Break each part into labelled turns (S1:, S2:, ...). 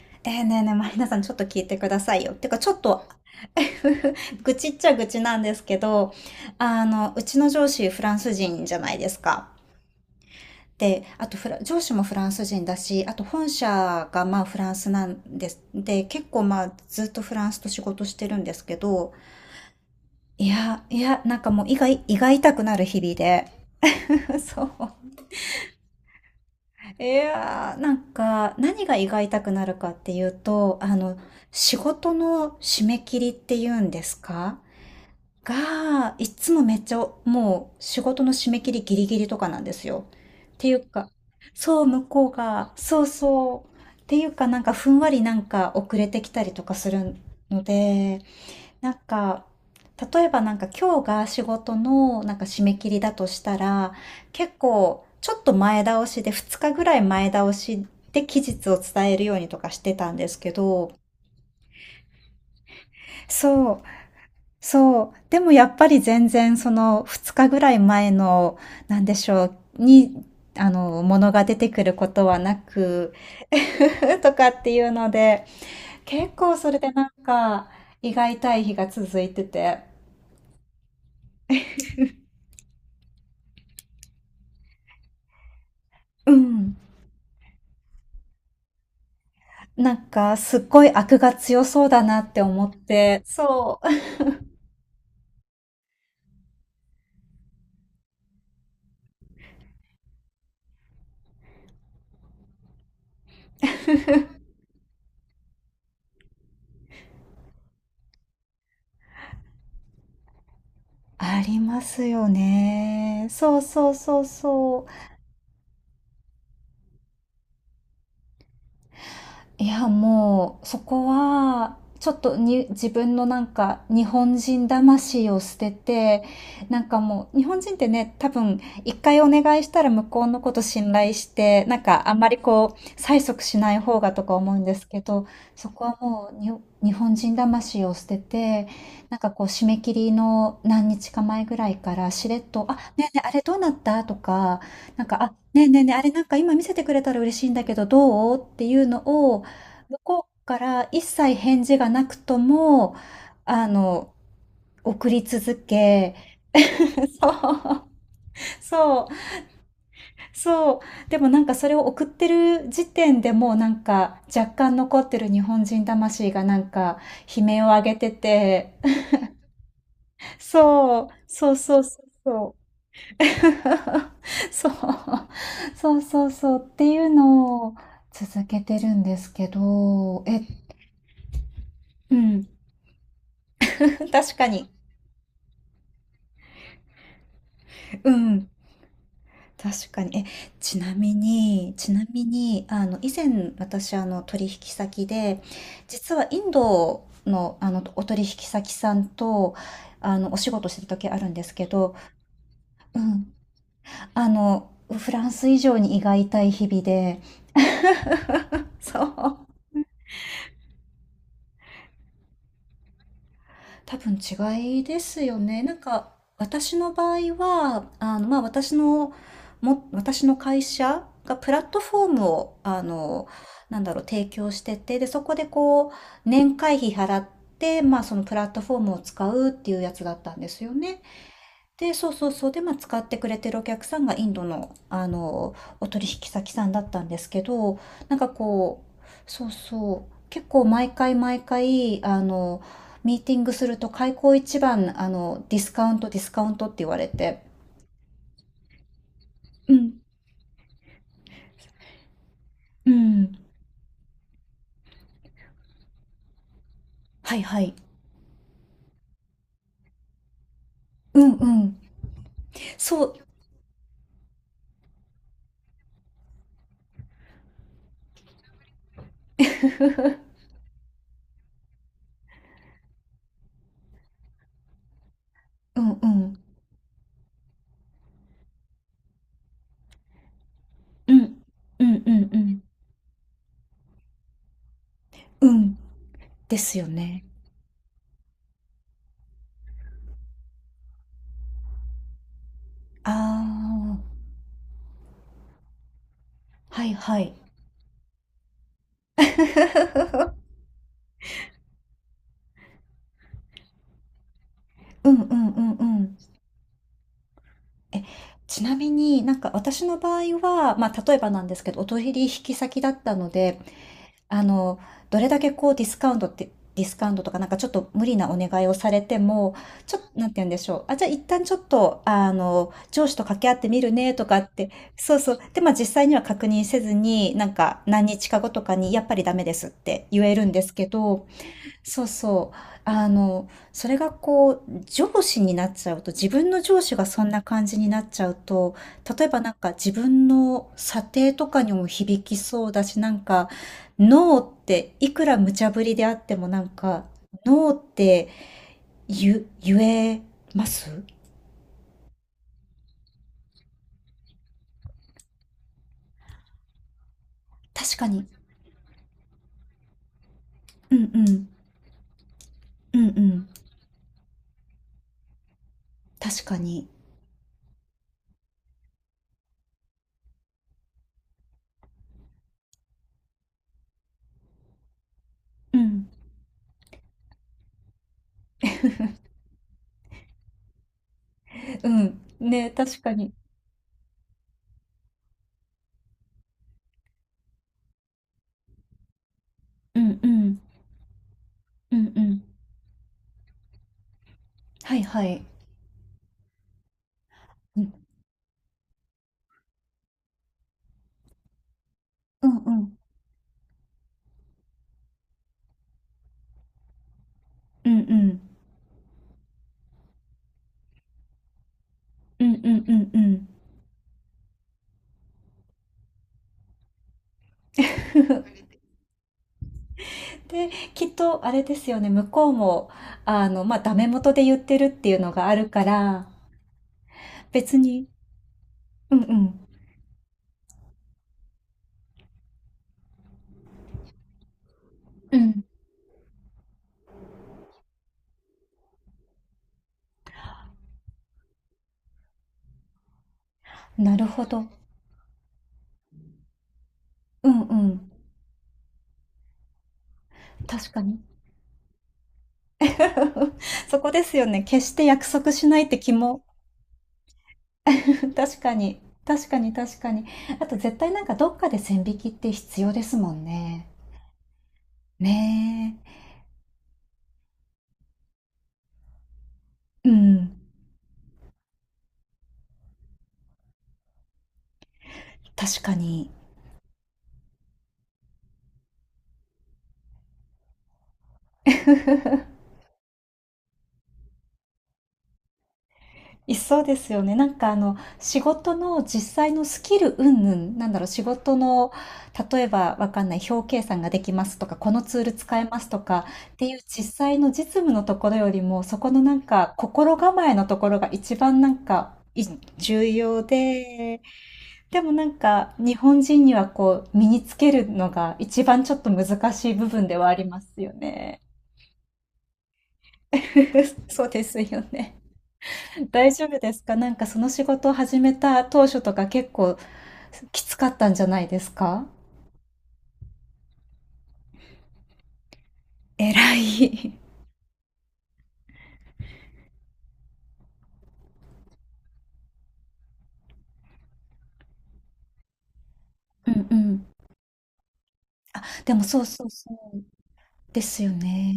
S1: ねえーねえねえ、マリナさん、ちょっと聞いてくださいよ。てか、ちょっと 愚痴っちゃ愚痴なんですけど、うちの上司、フランス人じゃないですか。で、あと上司もフランス人だし、あと本社がまあフランスなんです。で、結構まあずっとフランスと仕事してるんですけど、いや、いや、なんかもう胃が痛くなる日々で。そう。いやー、なんか何が胃が痛くなるかっていうと、仕事の締め切りっていうんですかが、いつもめっちゃ、もう仕事の締め切りギリギリとかなんですよ。っていうか、そう、向こうが、そうそう。っていうか、なんかふんわりなんか遅れてきたりとかするので、なんか、例えばなんか今日が仕事のなんか締め切りだとしたら、結構ちょっと前倒しで2日ぐらい前倒しで期日を伝えるようにとかしてたんですけど、そうそう。でもやっぱり全然その2日ぐらい前の、なんでしょう、に、あの、ものが出てくることはなく、とかっていうので、結構それでなんか、胃が痛い日が続いてて、うん。なんか、すっごい悪が強そうだなって思って、そう。ありますよね。そうそうそうそう。いや、もう、そこは、ちょっとに、自分のなんか、日本人魂を捨てて、なんかもう、日本人ってね、多分、一回お願いしたら向こうのこと信頼して、なんか、あんまりこう、催促しない方がとか思うんですけど、そこはもう、日本人魂を捨てて、なんかこう、締め切りの何日か前ぐらいから、しれっと、あ、ねえねえ、あれどうなったとか、なんか、あ、ねえねえねえ、あれなんか今見せてくれたら嬉しいんだけど、どうっていうのを、向こうから一切返事がなくとも、あの、送り続け、そう、そう、そう。でもなんかそれを送ってる時点でもうなんか若干残ってる日本人魂がなんか悲鳴を上げてて、そう、そうそうそうそう。そう、そうそうそうっていうのを続けてるんですけど、うん、確かに、うん。確かに。ちなみに、以前私、取引先で、実はインドの、お取引先さんと、お仕事してた時あるんですけど、うん、フランス以上に胃が痛い日々で、そう。多分違いですよね。なんか私の場合は、まあ私の会社がプラットフォームを、なんだろう、提供してて、で、そこでこう、年会費払って、まあそのプラットフォームを使うっていうやつだったんですよね。で、そうそうそう。で、まあ、使ってくれてるお客さんがインドの、お取引先さんだったんですけど、なんかこう、そうそう。結構毎回毎回、ミーティングすると開口一番、ディスカウント、ディスカウントって言われて。うん、うん。はいはい。うんうん。そう。うんうん。うん。うんうんうん。うん。ですよね。ああ。はいはい。うんうんうんうん。ちなみになんか私の場合は、まあ例えばなんですけど、お取引引先だったので、あの、どれだけこうディスカウントって、ディスカウントとかなんかちょっと無理なお願いをされても、ちょっと、なんて言うんでしょう。あ、じゃあ一旦ちょっと、上司と掛け合ってみるねとかって、そうそう。で、まあ実際には確認せずに、なんか何日か後とかにやっぱりダメですって言えるんですけど、そうそう。あの、それがこう、上司になっちゃうと、自分の上司がそんな感じになっちゃうと、例えばなんか自分の査定とかにも響きそうだし、なんか、ノーっていくら無茶ぶりであってもなんか、ノーって言えます？確かに。うんうん。うんうん。確かに。うん。うん。ね、確かに。うんうん。うんうん。はいはい。うんうんうん。うんうん。うんうんうんうん。で、きっとあれですよね、向こうも、まあ、ダメ元で言ってるっていうのがあるから、別に、うんうん、うん、なるほど。うんうん、確かに。そこですよね、決して約束しないって気も、確かに、確かに確かに。あと絶対なんかどっかで線引きって必要ですもんね。ねえ、うん、確かに。いそうですよね。なんか仕事の実際のスキル云々、なんだろう、仕事の、例えばわかんない、表計算ができますとか、このツール使えますとかっていう実際の実務のところよりも、そこのなんか心構えのところが一番なんか重要で、でもなんか日本人にはこう身につけるのが一番ちょっと難しい部分ではありますよね。そうですよね。大丈夫ですか？なんかその仕事を始めた当初とか結構きつかったんじゃないですか？偉い。うんうん。あ、でもそうそうそう。ですよね。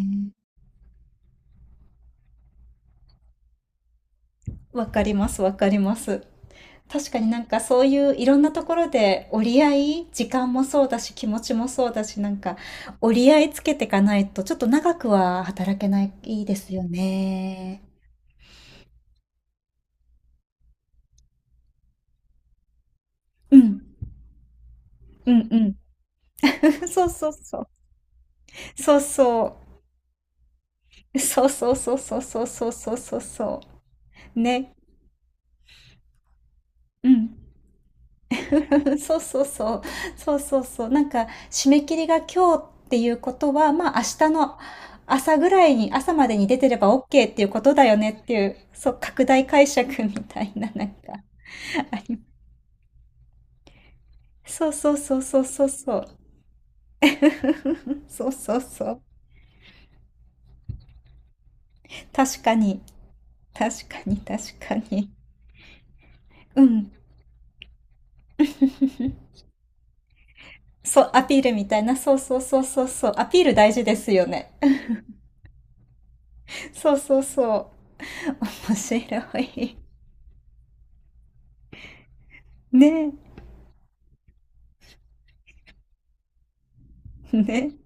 S1: わかります、わかります。確かになんかそういういろんなところで折り合い、時間もそうだし気持ちもそうだし、なんか折り合いつけていかないとちょっと長くは働けないですよね。うん、うんうん。そうそうそう。そうそう。そうそうそうそうそうそうそうそうそうねうん そうそうそうそうそうそうなんか締め切りが今日っていうことはまあ明日の朝ぐらいに朝までに出てれば OK っていうことだよねっていうそう拡大解釈みたいななんか ありそうそうそうそうそうそう そうそうそう確かに確かに確かにうんそうアピールみたいなそうそうそうそうそうアピール大事ですよね そうそうそう。面白い。ねえ、ね